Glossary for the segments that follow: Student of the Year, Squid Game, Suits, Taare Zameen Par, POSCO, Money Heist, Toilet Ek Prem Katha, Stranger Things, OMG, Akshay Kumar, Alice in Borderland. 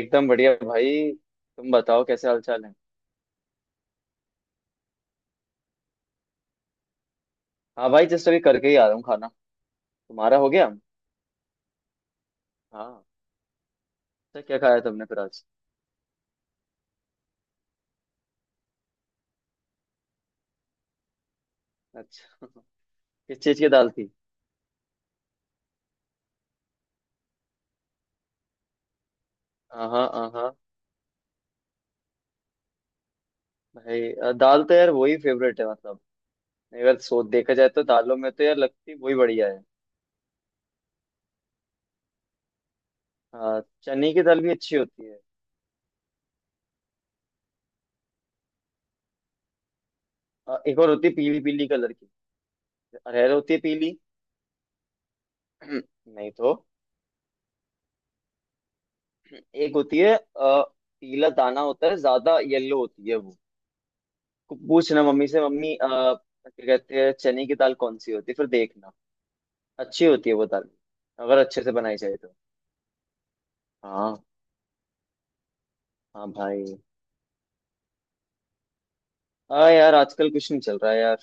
एकदम बढ़िया भाई। तुम बताओ कैसे हाल चाल है? हाँ भाई, जस्ट अभी करके ही आ रहा हूँ खाना। तुम्हारा हो गया? हाँ। अच्छा, क्या खाया तुमने फिर आज? अच्छा। किस चीज की दाल थी? हाँ हाँ हाँ हाँ। भाई दाल तो यार वही फेवरेट है मतलब। अगर सो देखा जाए तो दालों में तो यार लगती वही बढ़िया है। हाँ, चने की दाल भी अच्छी होती है। एक और होती है पीली पीली कलर की। अरहर होती है पीली। नहीं तो एक होती है पीला दाना होता है, ज्यादा येलो होती है वो। पूछना मम्मी से, मम्मी क्या कहते हैं चने की दाल कौन सी होती है फिर देखना। अच्छी होती है वो दाल, अगर अच्छे से बनाई जाए तो। हाँ हाँ भाई। हाँ यार, आजकल कुछ नहीं चल रहा है यार।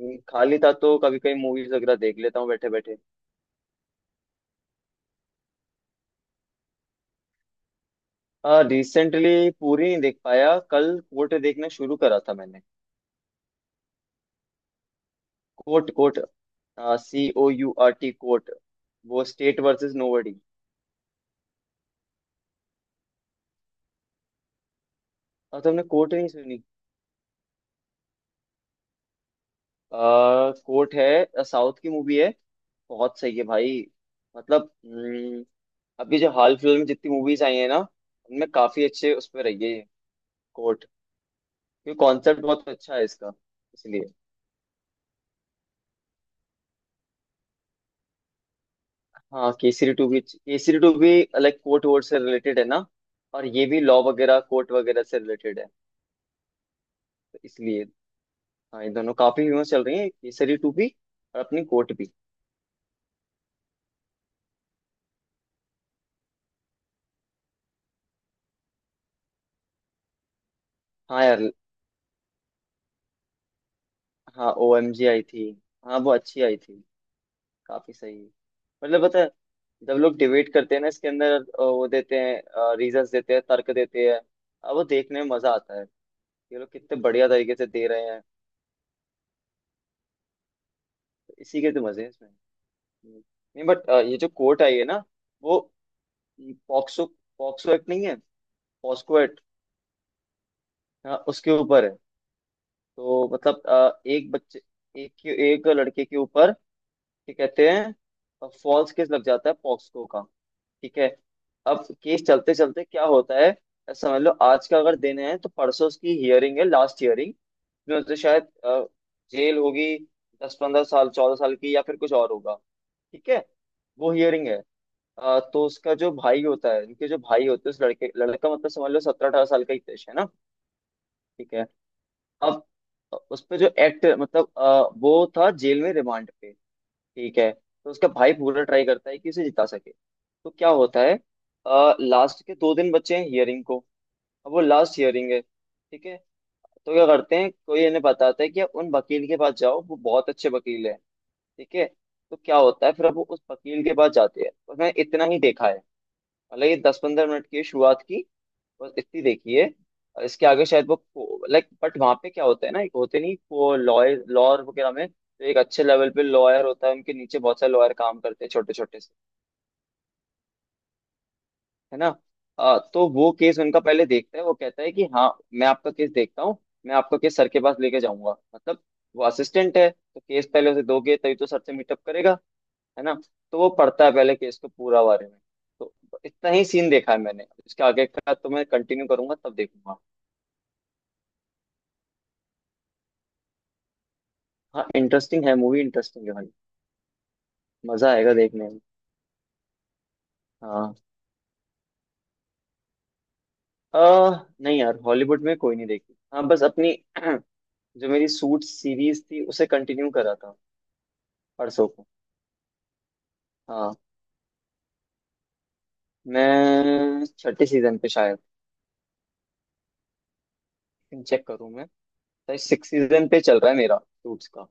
खाली था तो कभी कभी मूवीज वगैरह देख लेता हूँ बैठे बैठे। रिसेंटली पूरी नहीं देख पाया, कल कोट देखना शुरू करा था मैंने। Quote coat. COURT, coat. वो स्टेट वर्सेस नोबडी। और तुमने कोट नहीं सुनी? कोर्ट है, साउथ की मूवी है। बहुत सही है भाई। मतलब अभी जो हाल फिलहाल में जितनी मूवीज आई है ना उनमें काफी अच्छे उस पर रही है। कोर्ट, क्योंकि कॉन्सेप्ट बहुत अच्छा है इसका, इसलिए। हाँ केसरी 2 भी, केसरी 2 भी लाइक कोर्ट वोर्ट से रिलेटेड है ना। और ये भी लॉ वगैरह, कोर्ट वगैरह से रिलेटेड है, तो इसलिए। हाँ, ये दोनों काफी फेमस चल रही है, केसरी 2 भी और अपनी कोर्ट भी। हाँ यार। हाँ, OMG आई थी। हाँ, वो अच्छी आई थी। काफी सही है। मतलब पता है, जब लोग डिबेट करते हैं ना इसके अंदर, वो देते हैं, रीजंस देते हैं, तर्क देते हैं। अब वो देखने में मजा आता है, ये लोग कितने बढ़िया तरीके से दे रहे हैं। तो इसी के तो मजे हैं इसमें। हम्म। नहीं बट, ये जो कोर्ट आई है ना, वो पॉक्सो, पॉक्सो एक्ट नहीं है, पॉस्को एक्ट। हाँ, उसके ऊपर है। तो मतलब एक बच्चे, एक एक लड़के के ऊपर, क्या कहते हैं, फॉल्स केस लग जाता है पॉक्सको का। ठीक है? अब केस चलते चलते क्या होता है, समझ लो आज का अगर दिन है तो परसों उसकी हियरिंग है, लास्ट हियरिंग। जिसमें उसे शायद जेल होगी, 10-15 साल, 14 साल की, या फिर कुछ और होगा। ठीक है? वो हियरिंग है। तो उसका जो भाई होता है, उनके जो भाई होते हैं, उस लड़के, लड़का मतलब समझ लो 17-18 साल का ही देश है ना। ठीक है? अब उस पे जो एक्ट, मतलब वो था जेल में, रिमांड पे। ठीक है? तो उसका भाई पूरा ट्राई करता है कि उसे जिता सके। तो क्या होता है, लास्ट के 2 दिन बचे हैं हियरिंग को। अब वो लास्ट हियरिंग है, ठीक है? तो क्या करते हैं, कोई इन्हें बताता है कि आप उन वकील के पास जाओ, वो बहुत अच्छे वकील हैं। ठीक है? तो क्या होता है फिर, अब वो उस वकील के पास जाते हैं और मैंने इतना ही देखा है। मतलब ये 10-15 मिनट की शुरुआत की, बस इतनी देखी है। और इसके आगे शायद वो, लाइक, बट वहां पे क्या होता है ना, एक होते नहीं वो लॉयर, लॉयर वगैरह में तो एक अच्छे लेवल पे लॉयर होता है, उनके नीचे बहुत सारे लॉयर काम करते हैं, छोटे छोटे से, है ना? तो वो केस उनका पहले देखता है, वो कहता है कि हाँ, मैं आपका केस देखता हूँ, मैं आपका केस सर के पास लेके जाऊंगा, मतलब वो असिस्टेंट है, तो केस पहले उसे दोगे तभी तो सर से मीटअप करेगा, है ना? तो वो पढ़ता है पहले केस को पूरा, बारे में। तो इतना ही सीन देखा है मैंने, इसके आगे का तो मैं कंटिन्यू करूंगा तब देखूंगा। हाँ, इंटरेस्टिंग है, मूवी इंटरेस्टिंग है भाई। मजा आएगा देखने में। हाँ। अह नहीं यार, हॉलीवुड में कोई नहीं देखी। हाँ, बस अपनी जो मेरी सूट सीरीज थी उसे कंटिन्यू करा था परसों को। हाँ, मैं छठे सीजन पे शायद, चेक करूँ मैं। शायद 6 सीजन पे चल रहा है मेरा सूट्स का।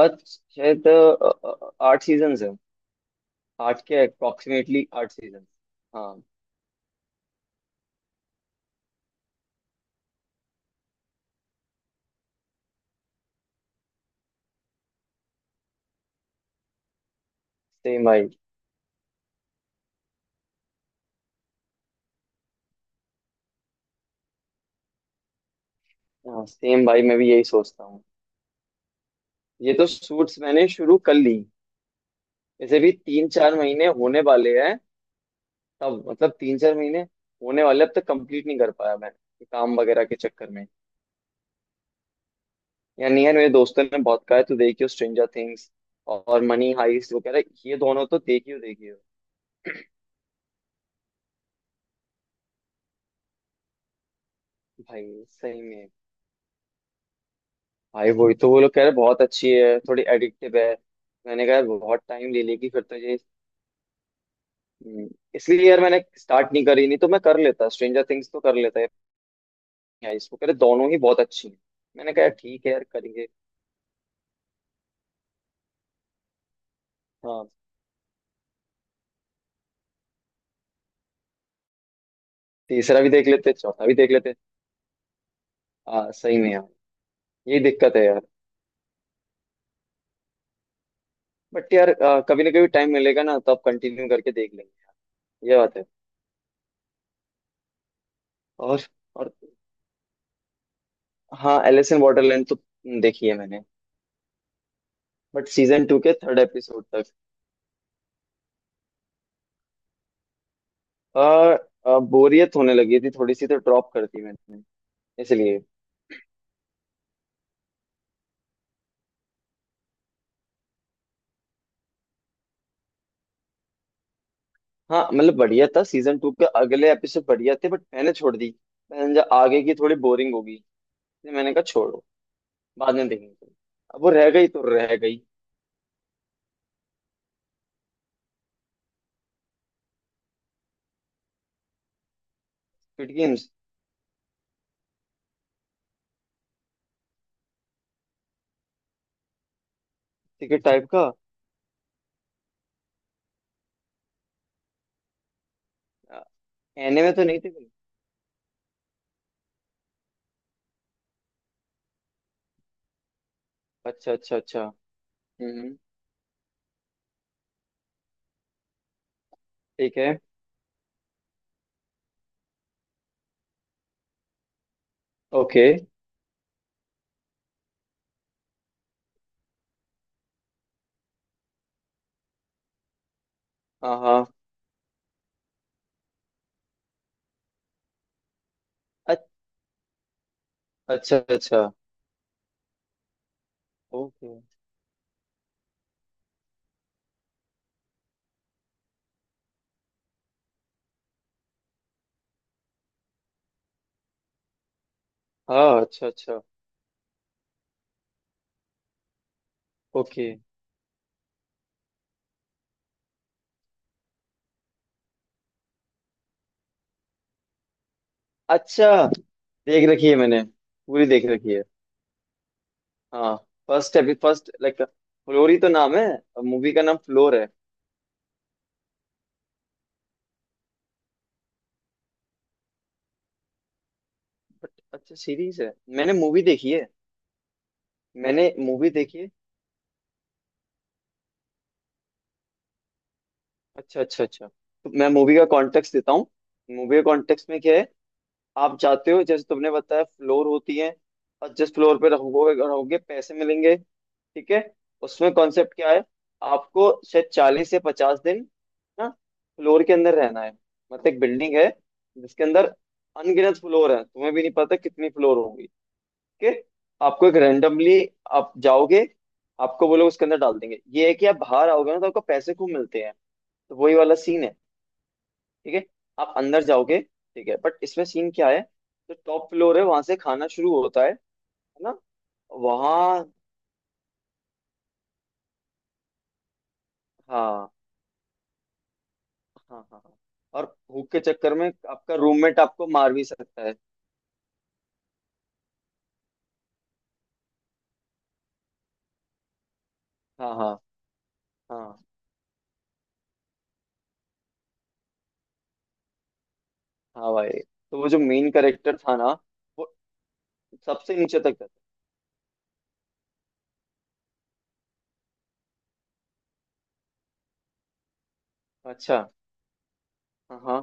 आज शायद 8 सीजन है। आठ के, अप्रोक्सीमेटली 8 सीजन। हाँ। सेम भाई। हाँ सेम भाई, मैं भी यही सोचता हूँ। ये तो सूट्स मैंने शुरू कर ली, वैसे भी 3-4 महीने होने वाले हैं। तब, मतलब 3-4 महीने होने वाले, अब तक कंप्लीट नहीं कर पाया मैं ये काम वगैरह के चक्कर में। या नहीं, है, मेरे दोस्तों ने बहुत कहा है, तो देखियो स्ट्रेंजर थिंग्स और मनी हाइस्ट वगैरह, ये दोनों तो देखियो, देखियो। भाई सही में, भाई वही तो, वो लोग कह रहे बहुत अच्छी है, थोड़ी एडिक्टिव है। मैंने कहा बहुत टाइम ले लेगी फिर तो ये। हम्म, इसलिए यार मैंने स्टार्ट नहीं करी, नहीं तो मैं कर लेता स्ट्रेंजर थिंग्स तो कर लेता है। मनी हाइस्ट, वो कह रहे दोनों ही बहुत अच्छी है। मैंने कहा ठीक है यार, करेंगे। हाँ, तीसरा भी देख लेते, चौथा भी देख लेते। सही में यार, यही दिक्कत है यार। बट यार कभी ना कभी टाइम मिलेगा ना, तो आप कंटिन्यू करके देख लेंगे। ये बात है। और और, हाँ एलिस इन बॉर्डरलैंड तो देखी है मैंने। बट सीजन 2 के थर्ड एपिसोड तक आ, आ, बोरियत होने लगी थी थोड़ी सी, तो ड्रॉप कर दी मैंने, इसलिए। हाँ मतलब बढ़िया था, सीजन 2 के अगले एपिसोड बढ़िया थे, बट मैंने छोड़ दी। मैंने समझा आगे की थोड़ी बोरिंग होगी, इसलिए मैंने कहा छोड़ो, बाद में देखेंगे। अब वो रह गई तो रह गई। Squid Games. टिकट टाइप का। एनिमे तो नहीं थे कोई? अच्छा अच्छा अच्छा। हम्म। ठीक है। ओके। हाँ हाँ। अ- अच्छा अच्छा। ओके। हाँ। अच्छा अच्छा। ओके। अच्छा। देख रखी है मैंने, पूरी देख रखी है। हाँ। फर्स्ट, अभी फर्स्ट लाइक फ्लोरी तो नाम है, मूवी का नाम फ्लोर है। बट अच्छा, सीरीज है। मैंने मूवी देखी है। मैंने मूवी देखी है। अच्छा अच्छा अच्छा, तो मैं मूवी का कॉन्टेक्स्ट देता हूँ। मूवी का कॉन्टेक्स्ट में क्या है, आप जाते हो जैसे तुमने बताया, फ्लोर होती है और जिस फ्लोर पे रहोगे, रहोगे पैसे मिलेंगे। ठीक है? उसमें कॉन्सेप्ट क्या है, आपको शायद 40 से 50 दिन ना, फ्लोर के अंदर रहना है। मतलब एक बिल्डिंग है, जिसके अंदर अनगिनत फ्लोर है, तुम्हें भी नहीं पता कितनी फ्लोर होगी। ठीक है? आपको एक रेंडमली आप जाओगे, आपको वो लोग उसके अंदर डाल देंगे, ये है कि आप बाहर आओगे ना तो आपको पैसे खूब मिलते हैं। तो वही वाला सीन है। ठीक है? आप अंदर जाओगे, ठीक है, बट इसमें सीन क्या है, जो टॉप फ्लोर है वहां से खाना शुरू होता है ना? वहाँ। हाँ हाँ हाँ हाँ। और भूख के चक्कर में आपका रूममेट आपको मार भी सकता है। हाँ हाँ। हाँ हाँ भाई, तो वो जो मेन कैरेक्टर था ना, वो सबसे नीचे तक जाता। अच्छा। हाँ हाँ।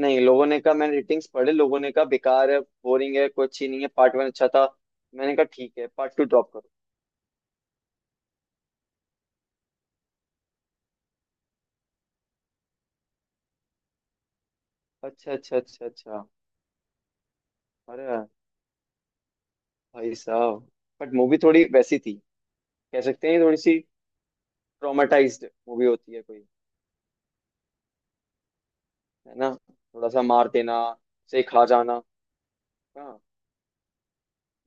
नहीं, लोगों ने कहा, मैंने रेटिंग्स पढ़े, लोगों ने कहा बेकार है, बोरिंग है, कोई अच्छी नहीं है, पार्ट 1 अच्छा था। मैंने कहा ठीक है, पार्ट 2 ड्रॉप करो। अच्छा अच्छा अच्छा अच्छा। अरे, भाई साहब! बट मूवी थोड़ी वैसी थी, कह सकते हैं थोड़ी सी ट्रॉमेटाइज्ड मूवी होती है कोई, है ना? थोड़ा सा मार देना, से खा जाना। हाँ।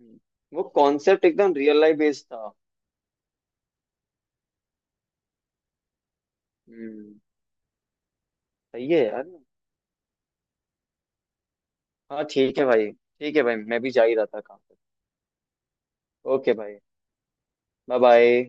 हम्म। वो कॉन्सेप्ट एकदम रियल लाइफ बेस्ड था। हम्म। सही है यार। हाँ ठीक है भाई, ठीक है भाई, मैं भी जा ही रहा था काम पे। ओके भाई। Bye bye.